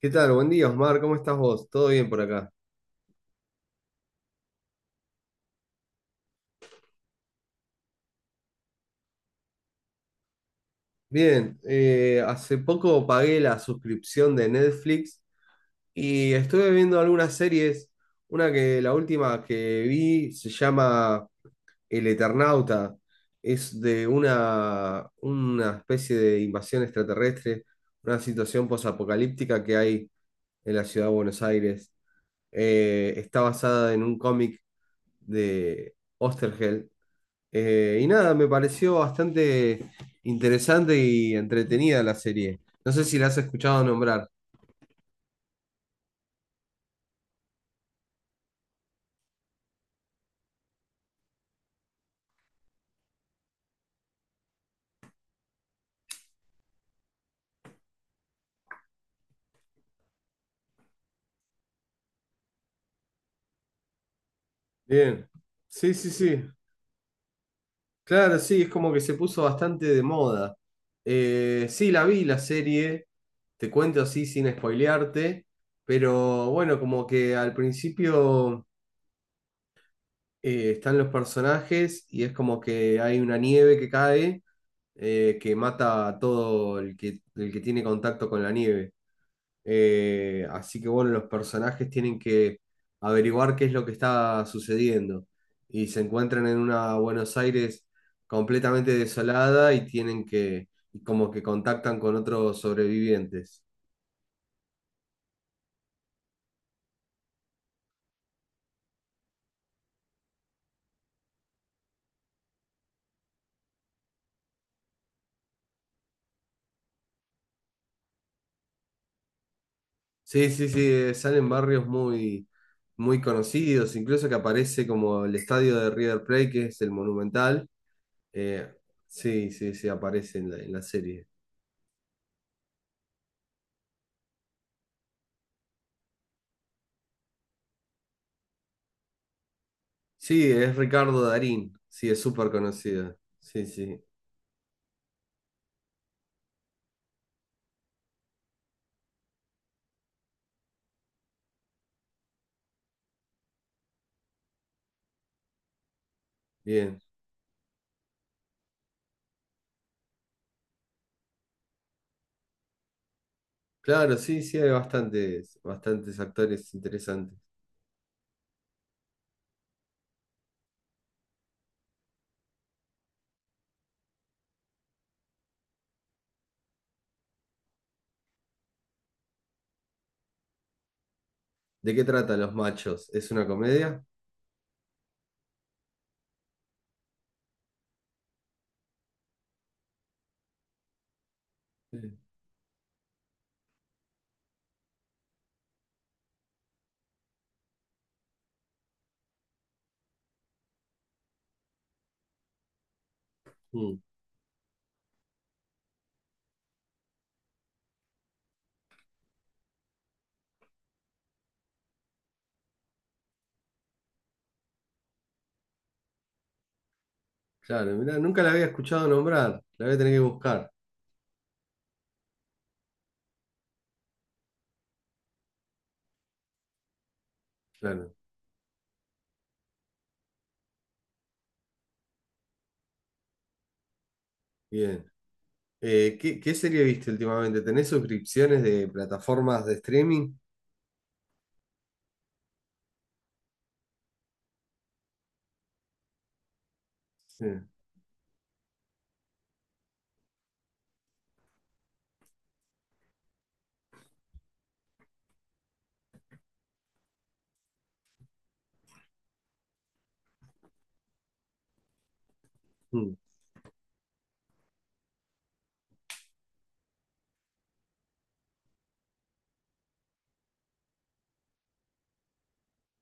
¿Qué tal? Buen día, Osmar. ¿Cómo estás vos? ¿Todo bien por acá? Bien, hace poco pagué la suscripción de Netflix y estuve viendo algunas series. Una que la última que vi se llama El Eternauta. Es de una especie de invasión extraterrestre, una situación posapocalíptica que hay en la ciudad de Buenos Aires. Está basada en un cómic de Oesterheld. Y nada, me pareció bastante interesante y entretenida la serie. No sé si la has escuchado nombrar. Bien. Sí, sí, sí. Claro, sí, es como que se puso bastante de moda. Sí, la vi la serie, te cuento así sin spoilearte, pero bueno, como que al principio están los personajes y es como que hay una nieve que cae, que mata a todo el que tiene contacto con la nieve. Así que bueno, los personajes tienen que averiguar qué es lo que está sucediendo y se encuentran en una Buenos Aires completamente desolada y tienen que, y como que contactan con otros sobrevivientes. Sí, sí, sí, salen barrios muy conocidos, incluso que aparece como el estadio de River Plate, que es el Monumental. Eh, sí, sí, sí, aparece en la serie. Sí, es Ricardo Darín, sí, es súper conocido. Sí, sí, bien. Claro, sí, sí, hay bastantes actores interesantes. ¿De qué tratan Los Machos? ¿Es una comedia? Sí. Mm, claro, mirá, nunca la había escuchado nombrar, la voy a tener que buscar. Claro, bien. ¿Qué, qué serie viste últimamente? ¿Tenés suscripciones de plataformas de streaming? Sí. Mm,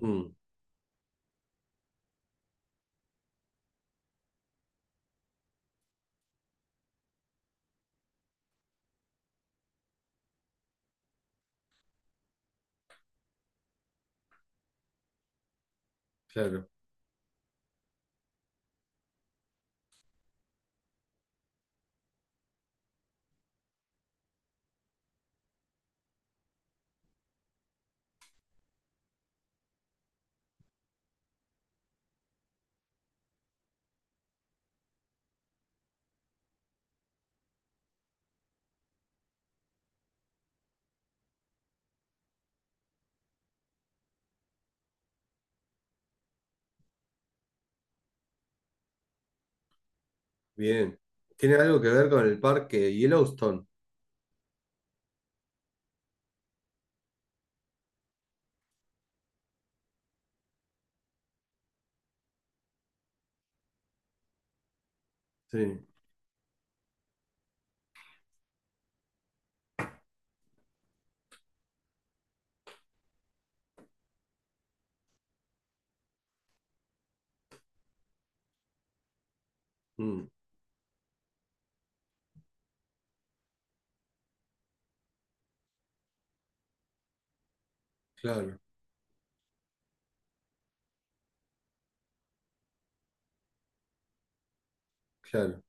mm, claro, bien. ¿Tiene algo que ver con el parque Yellowstone? Sí, mm, claro, claro.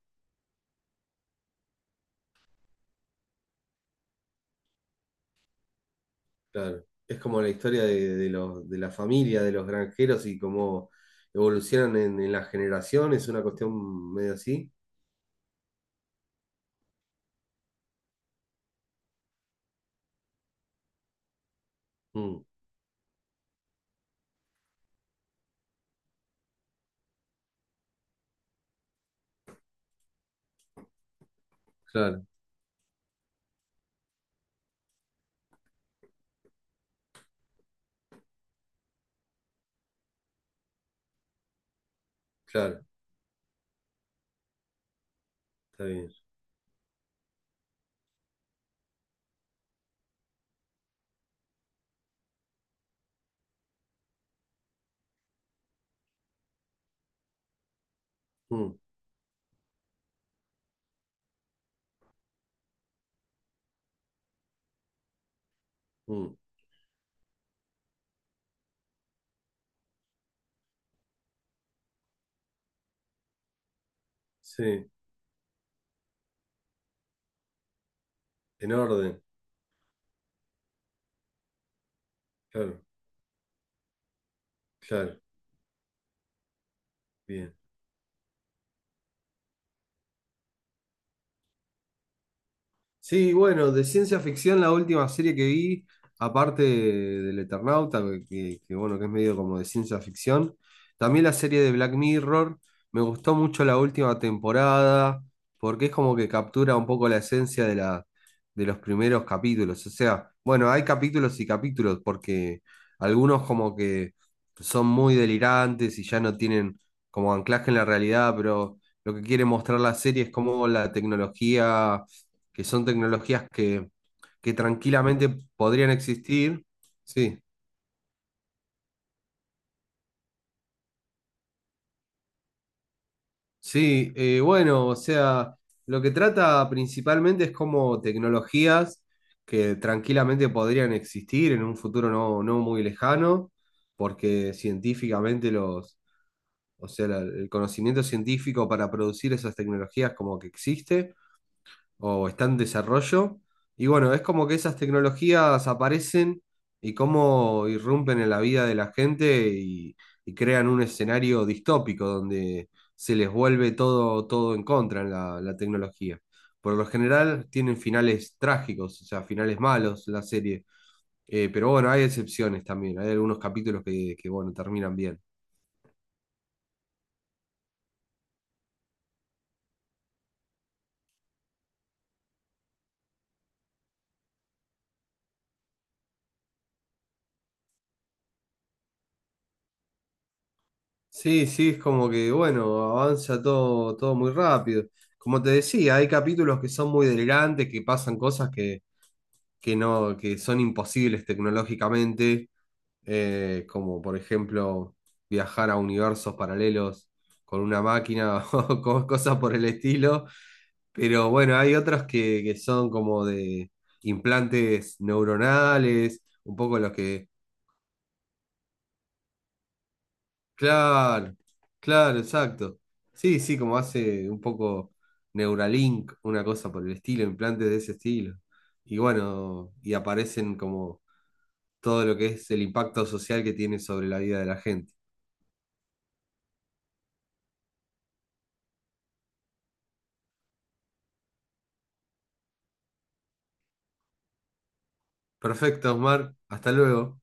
Claro, es como la historia de los, de la familia, de los granjeros y cómo evolucionan en las generaciones, una cuestión medio así. Mm, claro, claro, está bien. Mm, mm, sí, en orden, claro, claro, bien. Sí, bueno, de ciencia ficción la última serie que vi, aparte del Eternauta, que, bueno, que es medio como de ciencia ficción, también la serie de Black Mirror, me gustó mucho la última temporada, porque es como que captura un poco la esencia de de los primeros capítulos. O sea, bueno, hay capítulos y capítulos, porque algunos como que son muy delirantes y ya no tienen como anclaje en la realidad, pero lo que quiere mostrar la serie es cómo la tecnología, que son tecnologías que tranquilamente podrían existir. Sí, sí, bueno, o sea, lo que trata principalmente es como tecnologías que tranquilamente podrían existir en un futuro no muy lejano, porque científicamente o sea, el conocimiento científico para producir esas tecnologías como que existe, o está en desarrollo. Y bueno, es como que esas tecnologías aparecen y cómo irrumpen en la vida de la gente y crean un escenario distópico donde se les vuelve todo en contra en la tecnología. Por lo general tienen finales trágicos, o sea, finales malos la serie. Pero bueno, hay excepciones también. Hay algunos capítulos que bueno, terminan bien. Sí, sí, es como que, bueno, avanza todo, todo muy rápido. Como te decía, hay capítulos que son muy delirantes, que pasan cosas que no, que son imposibles tecnológicamente, como por ejemplo viajar a universos paralelos con una máquina o cosas por el estilo. Pero bueno, hay otros que son como de implantes neuronales, un poco los que claro, claro, exacto. Sí, sí, como hace un poco Neuralink, una cosa por el estilo, implantes de ese estilo. Y bueno, y aparecen como todo lo que es el impacto social que tiene sobre la vida de la gente. Perfecto, Osmar, hasta luego.